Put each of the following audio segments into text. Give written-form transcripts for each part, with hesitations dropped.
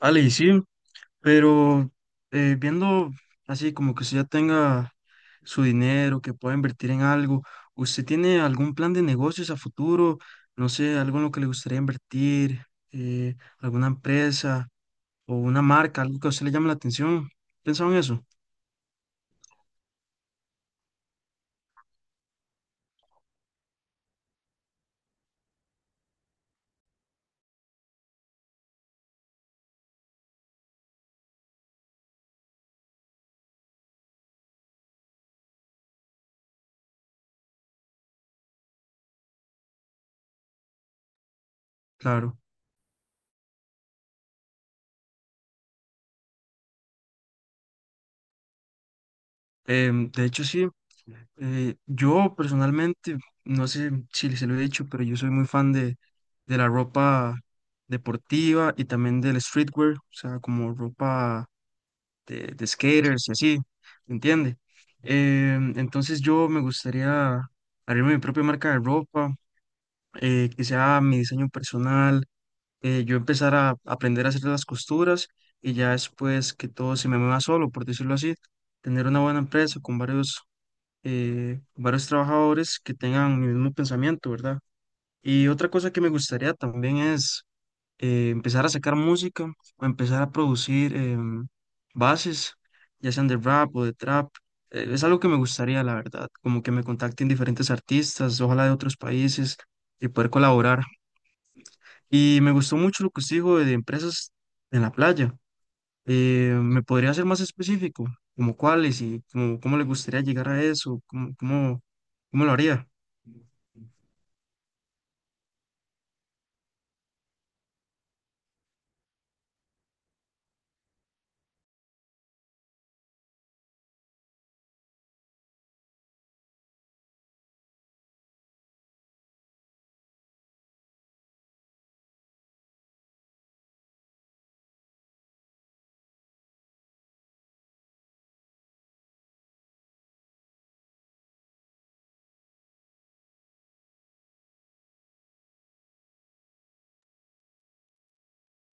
Ale, y sí, pero viendo así como que usted ya tenga su dinero, que pueda invertir en algo, ¿usted tiene algún plan de negocios a futuro? No sé, algo en lo que le gustaría invertir, alguna empresa o una marca, algo que a usted le llame la atención. ¿Pensado en eso? Claro. De hecho, sí, yo personalmente, no sé si se lo he dicho, pero yo soy muy fan de la ropa deportiva y también del streetwear, o sea, como ropa de skaters y así, ¿entiende? Entonces yo me gustaría abrir mi propia marca de ropa, que sea mi diseño personal, yo empezar a aprender a hacer las costuras y ya después que todo se me mueva solo, por decirlo así, tener una buena empresa con varios trabajadores que tengan mi mismo pensamiento, ¿verdad? Y otra cosa que me gustaría también es empezar a sacar música o empezar a producir bases, ya sean de rap o de trap. Es algo que me gustaría, la verdad, como que me contacten diferentes artistas, ojalá de otros países, y poder colaborar. Y me gustó mucho lo que usted dijo de empresas en la playa. ¿Me podría ser más específico? ¿Como cuáles y como, cómo le gustaría llegar a eso? ¿Cómo, cómo, cómo lo haría?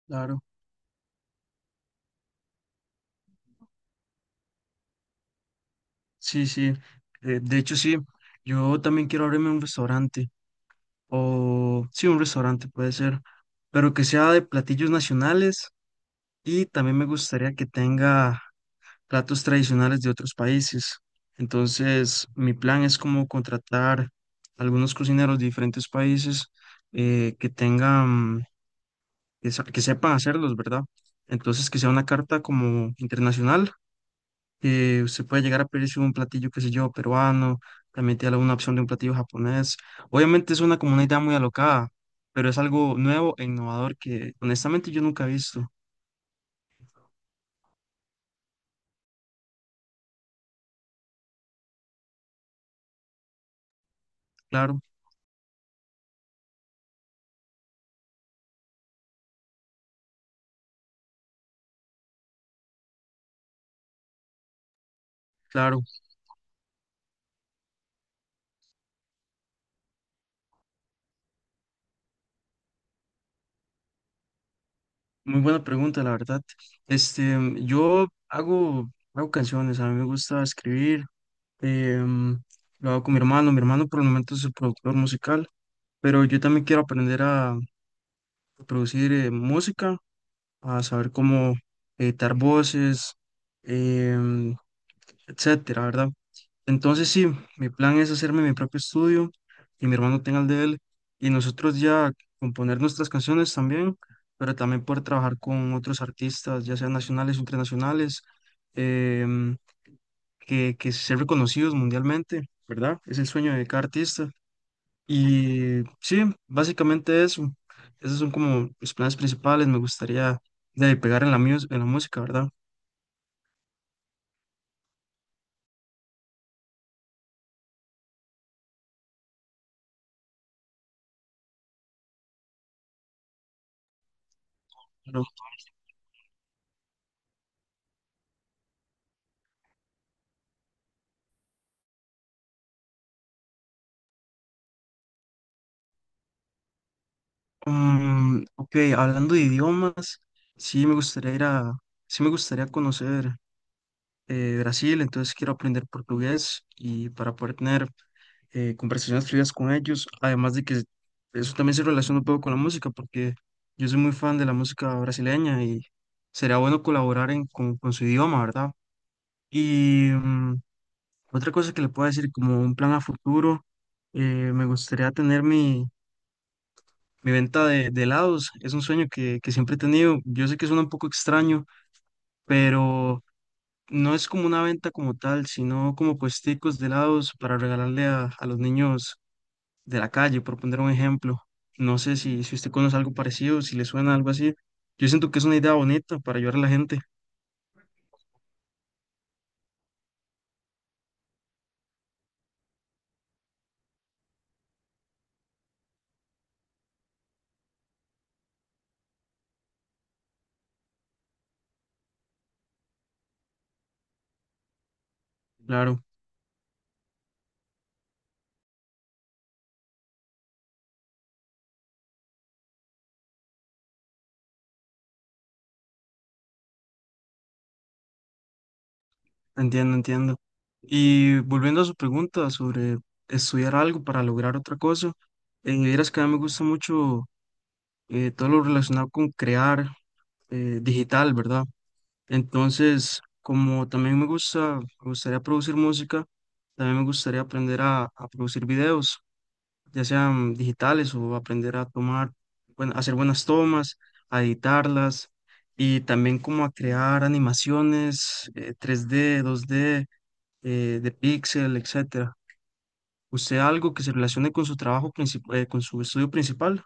Claro, sí, sí. De hecho, sí, yo también quiero abrirme un restaurante, o sí, un restaurante puede ser, pero que sea de platillos nacionales y también me gustaría que tenga platos tradicionales de otros países. Entonces, mi plan es como contratar algunos cocineros de diferentes países que tengan que, que sepa hacerlos, ¿verdad? Entonces, que sea una carta como internacional, que se puede llegar a pedirse un platillo, qué sé yo, peruano, también tiene alguna opción de un platillo japonés. Obviamente es una como una idea muy alocada, pero es algo nuevo e innovador que honestamente yo nunca he visto. Claro, claro. Muy buena pregunta, la verdad. Este, yo hago canciones, a mí me gusta escribir, em, lo hago con mi hermano por el momento es el productor musical, pero yo también quiero aprender a producir música, a saber cómo editar voces, em, etcétera, ¿verdad? Entonces sí, mi plan es hacerme mi propio estudio y mi hermano tenga el de él y nosotros ya componer nuestras canciones también, pero también poder trabajar con otros artistas, ya sean nacionales o internacionales, em, que ser reconocidos mundialmente, ¿verdad? Es el sueño de cada artista y sí, básicamente eso. Esos son como mis planes principales. Me gustaría de ahí pegar en la música, ¿verdad? Pero, ok, hablando de idiomas, sí me gustaría ir a, sí me gustaría conocer Brasil, entonces quiero aprender portugués y para poder tener conversaciones fluidas con ellos, además de que eso también se relaciona un poco con la música, porque yo soy muy fan de la música brasileña y sería bueno colaborar con su idioma, ¿verdad? Y otra cosa que le puedo decir como un plan a futuro, me gustaría tener mi venta de helados. Es un sueño que siempre he tenido. Yo sé que suena un poco extraño, pero no es como una venta como tal, sino como puesticos de helados para regalarle a los niños de la calle, por poner un ejemplo. No sé si usted conoce algo parecido, si le suena algo así. Yo siento que es una idea bonita para ayudar a la gente. Claro. Entiendo, entiendo. Y volviendo a su pregunta sobre estudiar algo para lograr otra cosa, vieras que a mí me gusta mucho todo lo relacionado con crear digital, ¿verdad? Entonces, como también me gusta, me gustaría producir música, también me gustaría aprender a producir videos, ya sean digitales o aprender a tomar, bueno, hacer buenas tomas, a editarlas y también como a crear animaciones 3D, 2D de Pixel, etcétera. ¿Usted algo que se relacione con su trabajo principal, con su estudio principal?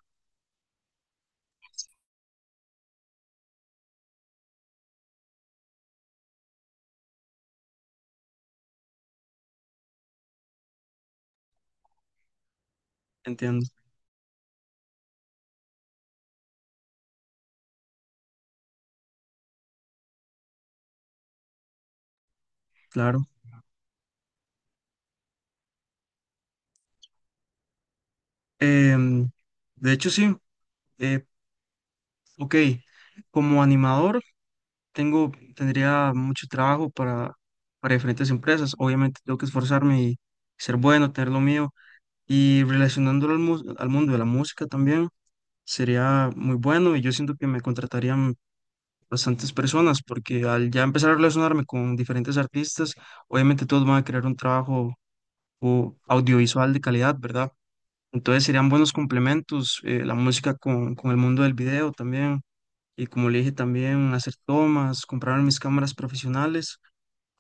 Entiendo, claro. Em, de hecho, sí. eh, ok, como animador tendría mucho trabajo para diferentes empresas. Obviamente tengo que esforzarme y ser bueno, tener lo mío. Y relacionándolo al mundo de la música también sería muy bueno y yo siento que me contratarían bastantes personas, porque al ya empezar a relacionarme con diferentes artistas, obviamente todos van a querer un trabajo o audiovisual de calidad, ¿verdad? Entonces serían buenos complementos la música con el mundo del video también. Y como le dije también, hacer tomas, comprar mis cámaras profesionales.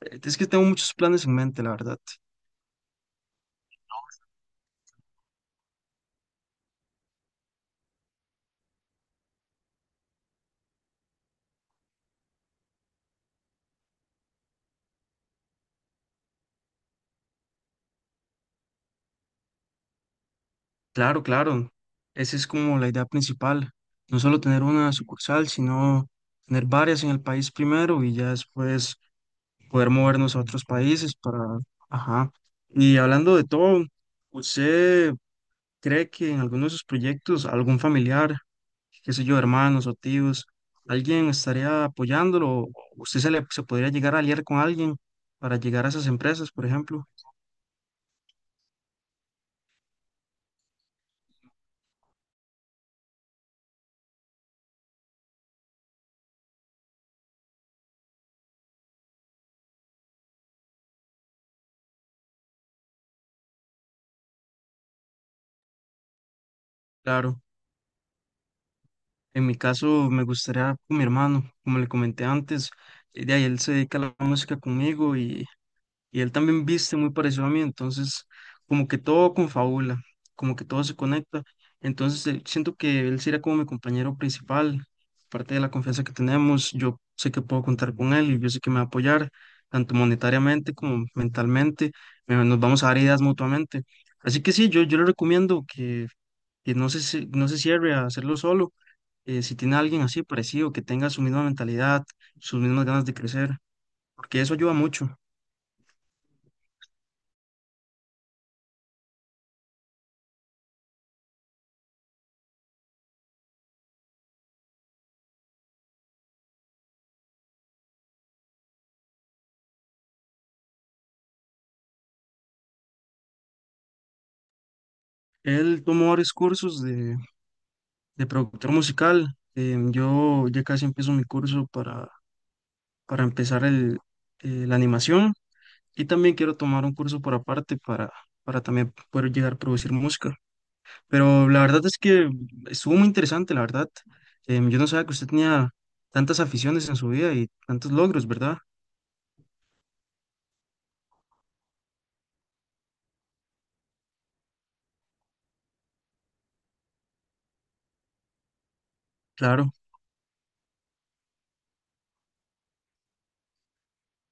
Es que tengo muchos planes en mente, la verdad. Claro, claro. Esa es como la idea principal. No solo tener una sucursal, sino tener varias en el país primero y ya después poder movernos a otros países para. Ajá. Y hablando de todo, ¿usted cree que en alguno de sus proyectos algún familiar, qué sé yo, hermanos o tíos, alguien estaría apoyándolo? ¿O ¿Usted se podría llegar a aliar con alguien para llegar a esas empresas, por ejemplo? Claro, en mi caso me gustaría con mi hermano, como le comenté antes, de ahí él se dedica a la música conmigo y él también viste muy parecido a mí, entonces como que todo confabula, como que todo se conecta, entonces siento que él será como mi compañero principal, parte de la confianza que tenemos, yo sé que puedo contar con él y yo sé que me va a apoyar, tanto monetariamente como mentalmente, nos vamos a dar ideas mutuamente, así que sí, yo le recomiendo que no se, no se cierre a hacerlo solo, si tiene a alguien así parecido, que tenga su misma mentalidad, sus mismas ganas de crecer, porque eso ayuda mucho. Él tomó varios cursos de productor musical. Yo ya casi empiezo mi curso para empezar la animación y también quiero tomar un curso por aparte para también poder llegar a producir música. Pero la verdad es que estuvo, muy interesante, la verdad. Yo no sabía que usted tenía tantas aficiones en su vida y tantos logros, ¿verdad? Claro.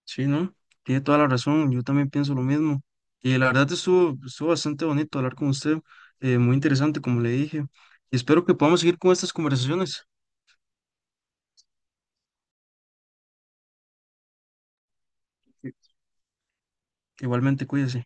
Sí, ¿no? Tiene toda la razón, yo también pienso lo mismo. Y la verdad estuvo bastante bonito hablar con usted, muy interesante, como le dije. Y espero que podamos seguir con estas conversaciones. Igualmente, cuídese.